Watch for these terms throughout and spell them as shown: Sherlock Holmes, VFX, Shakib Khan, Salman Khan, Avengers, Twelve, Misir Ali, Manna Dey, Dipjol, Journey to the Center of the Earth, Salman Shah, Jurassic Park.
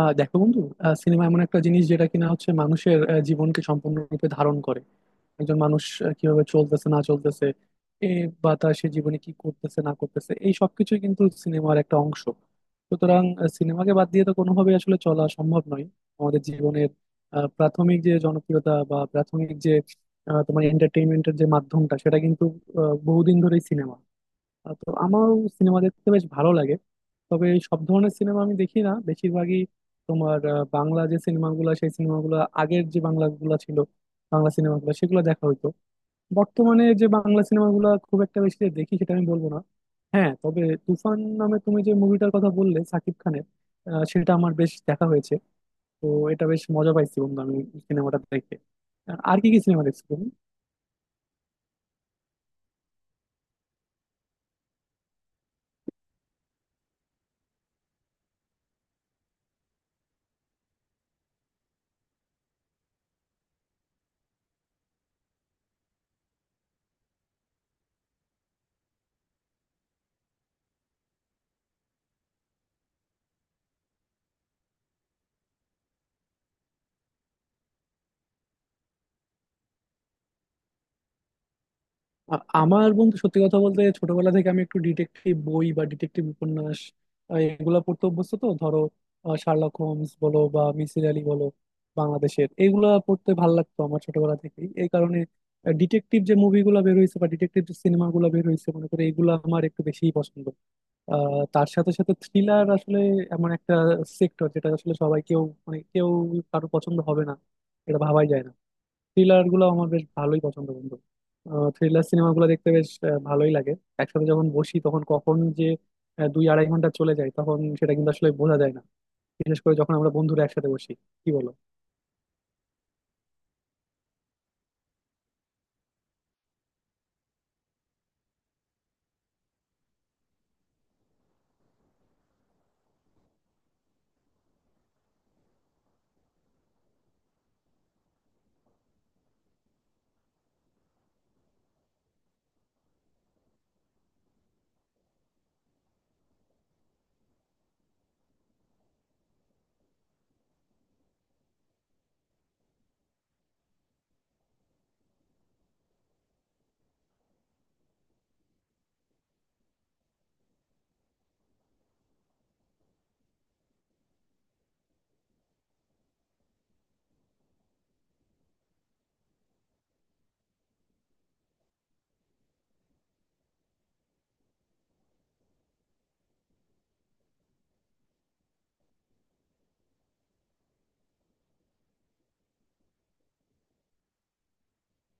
দেখো, বন্ধু। সিনেমা এমন একটা জিনিস যেটা কিনা হচ্ছে মানুষের জীবনকে সম্পূর্ণরূপে ধারণ করে। একজন মানুষ কিভাবে চলতেছে না চলতেছে এ বা তার সে জীবনে কি করতেছে না করতেছে, এই সবকিছুই কিন্তু সিনেমার একটা অংশ। সুতরাং সিনেমাকে বাদ দিয়ে তো কোনোভাবেই আসলে চলা সম্ভব নয়। আমাদের জীবনের প্রাথমিক যে জনপ্রিয়তা বা প্রাথমিক যে তোমার এন্টারটেইনমেন্টের যে মাধ্যমটা, সেটা কিন্তু বহুদিন ধরেই সিনেমা। তো আমার সিনেমা দেখতে বেশ ভালো লাগে। তবে সব ধরনের সিনেমা আমি দেখি না, বেশিরভাগই তোমার বাংলা যে সিনেমাগুলো, সেই সিনেমাগুলো, আগের যে বাংলাগুলো ছিল বাংলা সিনেমাগুলো, সেগুলো দেখা হইতো। বর্তমানে যে বাংলা সিনেমাগুলো খুব একটা বেশি যে দেখি, সেটা আমি বলবো না। হ্যাঁ, তবে তুফান নামে তুমি যে মুভিটার কথা বললে সাকিব খানের, সেটা আমার বেশ দেখা হয়েছে। তো এটা বেশ মজা পাইছি, বন্ধু, আমি সিনেমাটা দেখে। আর কি কি সিনেমা দেখছো তুমি? আ- আমার বন্ধু, সত্যি কথা বলতে, ছোটবেলা থেকে আমি একটু ডিটেকটিভ বই বা ডিটেকটিভ উপন্যাস, আ, এগুলা পড়তে অভ্যস্ত। তো ধরো, শার্লক হোমস বলো বা মিসির আলী বলো বাংলাদেশের, এগুলা পড়তে ভাল লাগতো আমার ছোটবেলা থেকেই। এই কারণে ডিটেকটিভ যে মুভিগুলো বের হয়েছে বা ডিটেকটিভ যে সিনেমাগুলো বের হয়েছে মনে করে, এগুলো আমার একটু বেশিই পছন্দ। তার সাথে সাথে থ্রিলার আসলে এমন একটা সেক্টর যেটা আসলে সবাই, কেউ, মানে কেউ কারো পছন্দ হবে না এটা ভাবাই যায় না। থ্রিলার গুলো আমার বেশ ভালোই পছন্দ, বন্ধু। থ্রিলার সিনেমাগুলো দেখতে বেশ ভালোই লাগে। একসাথে যখন বসি তখন কখন যে দুই আড়াই ঘন্টা চলে যায় তখন সেটা কিন্তু আসলে বোঝা যায় না। বিশেষ করে যখন আমরা বন্ধুরা একসাথে বসি। কি বলো?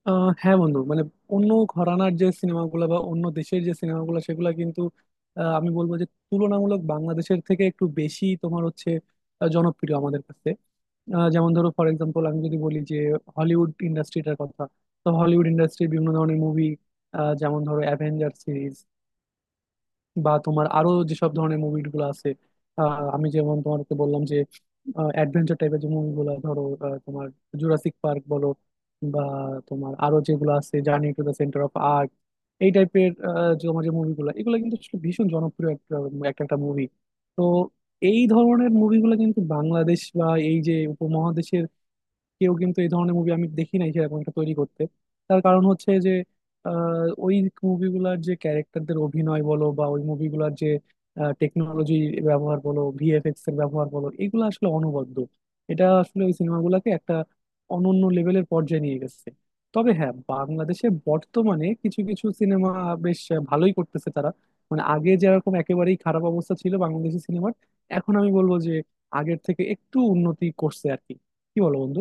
হ্যাঁ, বন্ধু, মানে অন্য ঘরানার যে সিনেমাগুলো বা অন্য দেশের যে সিনেমাগুলো সেগুলো কিন্তু, আমি বলবো যে, তুলনামূলক বাংলাদেশের থেকে একটু বেশি তোমার হচ্ছে জনপ্রিয় আমাদের কাছে। যেমন ধরো, ফর এক্সাম্পল, আমি যদি বলি যে হলিউড ইন্ডাস্ট্রিটার কথা। তো হলিউড ইন্ডাস্ট্রির বিভিন্ন ধরনের মুভি, যেমন ধরো অ্যাভেঞ্জার সিরিজ বা তোমার আরো যেসব ধরনের মুভিগুলো আছে, আমি যেমন তোমাকে বললাম যে অ্যাডভেঞ্চার টাইপের যে মুভিগুলো, ধরো তোমার জুরাসিক পার্ক বলো বা তোমার আরো যেগুলো আছে journey to the centre of earth, এই টাইপের তোমার যে মুভিগুলো, এগুলো কিন্তু আসলে ভীষণ জনপ্রিয় একটা একটা একটা মুভি। তো এই ধরনের মুভিগুলো কিন্তু বাংলাদেশ বা এই যে উপমহাদেশের কেউ কিন্তু এই ধরনের মুভি আমি দেখি নাই সেরকম একটা তৈরি করতে। তার কারণ হচ্ছে যে ওই মুভিগুলার যে ক্যারেক্টারদের অভিনয় বলো বা ওই মুভিগুলার যে টেকনোলজি ব্যবহার বলো, ভিএফএক্স এর ব্যবহার বলো, এগুলো আসলে অনবদ্য। এটা আসলে ওই সিনেমাগুলোকে একটা অনন্য লেভেলের পর্যায়ে নিয়ে গেছে। তবে হ্যাঁ, বাংলাদেশে বর্তমানে কিছু কিছু সিনেমা বেশ ভালোই করতেছে তারা। মানে আগে যেরকম একেবারেই খারাপ অবস্থা ছিল বাংলাদেশি সিনেমার, এখন আমি বলবো যে আগের থেকে একটু উন্নতি করছে আর কি। কি বলো, বন্ধু?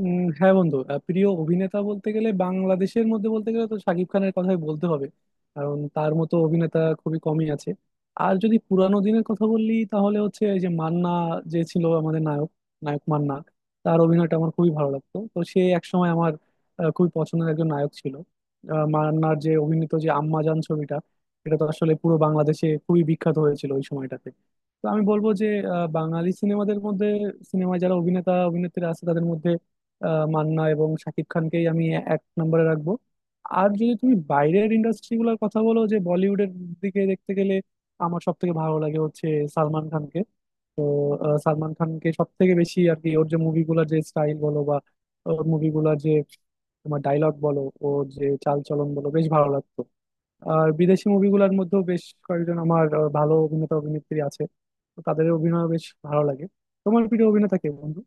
হ্যাঁ, বন্ধু, প্রিয় অভিনেতা বলতে গেলে বাংলাদেশের মধ্যে বলতে গেলে তো শাকিব খানের কথাই বলতে হবে। কারণ তার মতো অভিনেতা খুবই কমই আছে। আর যদি পুরানো দিনের কথা বললি তাহলে হচ্ছে এই যে মান্না, যে ছিল আমাদের নায়ক, নায়ক মান্না। তার অভিনয়টা আমার খুবই ভালো লাগতো। তো সে একসময় আমার খুবই পছন্দের একজন নায়ক ছিল। মান্নার যে অভিনীত যে আম্মাজান ছবিটা, এটা তো আসলে পুরো বাংলাদেশে খুবই বিখ্যাত হয়েছিল ওই সময়টাতে। তো আমি বলবো যে বাঙালি সিনেমাদের মধ্যে, সিনেমায় যারা অভিনেতা অভিনেত্রী আছে তাদের মধ্যে মান্না এবং শাকিব খানকেই আমি এক নম্বরে রাখবো। আর যদি তুমি বাইরের ইন্ডাস্ট্রি গুলোর কথা বলো, যে বলিউডের দিকে দেখতে গেলে আমার সব থেকে ভালো লাগে হচ্ছে সালমান খানকে। তো সালমান খানকে সব থেকে বেশি আর কি, ওর যে মুভিগুলোর যে স্টাইল বলো বা ওর মুভিগুলোর যে তোমার ডায়লগ বলো, ওর যে চাল চলন বলো, বেশ ভালো লাগতো। আর বিদেশি মুভিগুলোর মধ্যেও বেশ কয়েকজন আমার ভালো অভিনেতা অভিনেত্রী আছে। তো তাদের অভিনয় বেশ ভালো লাগে। তোমার প্রিয় অভিনেতা কে, বন্ধু?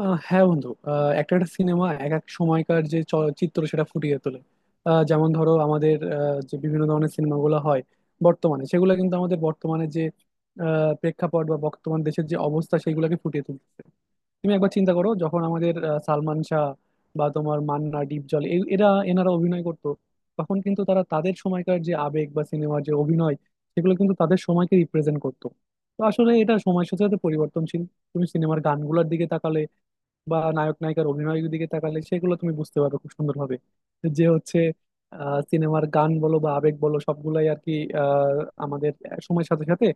হ্যাঁ, বন্ধু, একটা একটা সিনেমা এক এক সময়কার যে চলচ্চিত্র সেটা ফুটিয়ে তোলে। যেমন ধরো, আমাদের যে বিভিন্ন ধরনের সিনেমাগুলো হয় বর্তমানে, সেগুলো কিন্তু আমাদের বর্তমানে যে প্রেক্ষাপট বা বর্তমান দেশের যে অবস্থা সেগুলোকে ফুটিয়ে তুলতেছে। তুমি একবার চিন্তা করো, যখন আমাদের সালমান শাহ বা তোমার মান্না ডিপজল, এই এরা এনারা অভিনয় করতো, তখন কিন্তু তারা তাদের সময়কার যে আবেগ বা সিনেমার যে অভিনয়, সেগুলো কিন্তু তাদের সময়কে রিপ্রেজেন্ট করতো। তো আসলে এটা সময়ের সাথে সাথে পরিবর্তনশীল। তুমি সিনেমার গানগুলোর দিকে তাকালে বা নায়ক নায়িকার অভিনয়ের দিকে তাকালে সেগুলো তুমি বুঝতে পারবে খুব সুন্দরভাবে, যে হচ্ছে সিনেমার গান বলো বা আবেগ বলো সবগুলাই আর কি, আহ, আমাদের সময়ের সাথে সাথে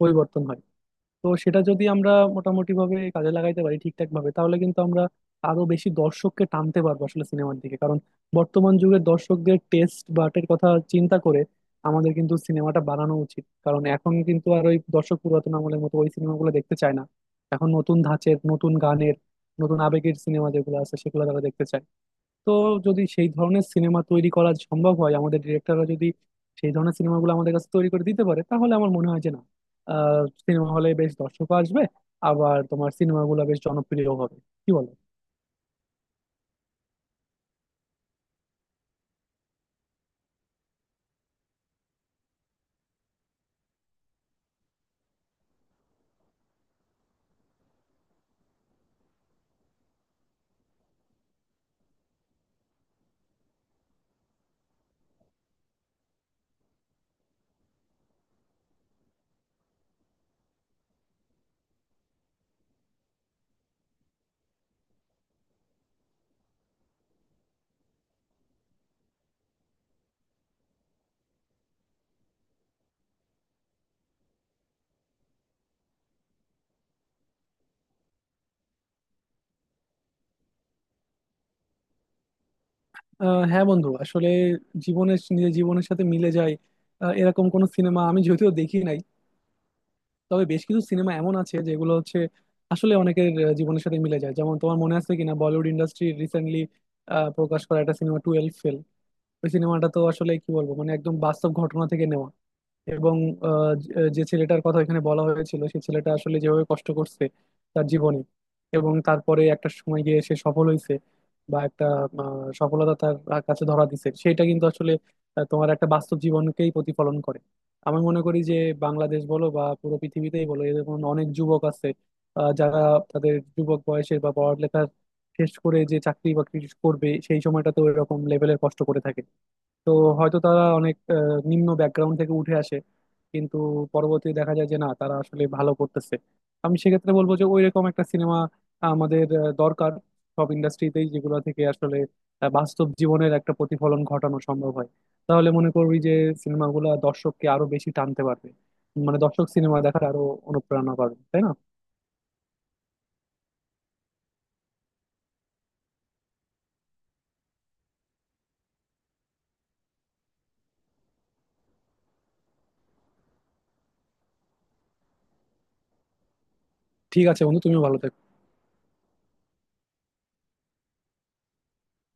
পরিবর্তন হয়। তো সেটা যদি আমরা মোটামুটি ভাবে কাজে লাগাইতে পারি ঠিকঠাক ভাবে, তাহলে কিন্তু আমরা আরো বেশি দর্শককে টানতে পারবো আসলে সিনেমার দিকে। কারণ বর্তমান যুগের দর্শকদের টেস্ট বাটের কথা চিন্তা করে আমাদের কিন্তু সিনেমাটা বানানো উচিত। কারণ এখন কিন্তু আর ওই দর্শক পুরাতন আমলের মতো ওই সিনেমাগুলো দেখতে চায় না। এখন নতুন ধাঁচের, নতুন গানের, নতুন আবেগের সিনেমা যেগুলো আছে সেগুলো তারা দেখতে চায়। তো যদি সেই ধরনের সিনেমা তৈরি করা সম্ভব হয়, আমাদের ডিরেক্টররা যদি সেই ধরনের সিনেমাগুলো আমাদের কাছে তৈরি করে দিতে পারে, তাহলে আমার মনে হয় যে না, সিনেমা হলে বেশ দর্শকও আসবে, আবার তোমার সিনেমাগুলো বেশ জনপ্রিয় হবে। কি বলো? হ্যাঁ, বন্ধু, আসলে জীবনের, নিজের জীবনের সাথে মিলে যায় এরকম কোনো সিনেমা আমি যদিও দেখি নাই। তবে বেশ কিছু সিনেমা এমন আছে যেগুলো হচ্ছে আসলে অনেকের জীবনের সাথে মিলে যায়। যেমন তোমার মনে আছে কিনা, বলিউড ইন্ডাস্ট্রি রিসেন্টলি প্রকাশ করা একটা সিনেমা টুয়েলভ ফেল। ওই সিনেমাটা তো আসলে কি বলবো, মানে একদম বাস্তব ঘটনা থেকে নেওয়া। এবং যে যে ছেলেটার কথা এখানে বলা হয়েছিল সেই ছেলেটা আসলে যেভাবে কষ্ট করছে তার জীবনে, এবং তারপরে একটা সময় গিয়ে সে সফল হয়েছে, বা একটা সফলতা তার কাছে ধরা দিছে, সেটা কিন্তু আসলে তোমার একটা বাস্তব জীবনকেই প্রতিফলন করে। আমি মনে করি যে বাংলাদেশ বলো বা পুরো পৃথিবীতেই বলো, এরকম অনেক যুবক আছে যারা তাদের যুবক বয়সে বা পড়ালেখা শেষ করে যে চাকরি বাকরি করবে সেই সময়টাতে এরকম লেভেলের কষ্ট করে থাকে। তো হয়তো তারা অনেক নিম্ন ব্যাকগ্রাউন্ড থেকে উঠে আসে, কিন্তু পরবর্তীতে দেখা যায় যে না, তারা আসলে ভালো করতেছে। আমি সেক্ষেত্রে বলবো যে ওইরকম একটা সিনেমা আমাদের দরকার, সব ইন্ডাস্ট্রিতেই, যেগুলো থেকে আসলে বাস্তব জীবনের একটা প্রতিফলন ঘটানো সম্ভব হয়। তাহলে মনে করবি যে সিনেমাগুলো দর্শককে আরো বেশি টানতে পারবে, মানে দর্শক সিনেমা দেখার আরো অনুপ্রেরণা পাবে, তাই না? ঠিক আছে, বন্ধু, তুমিও ভালো থেকো।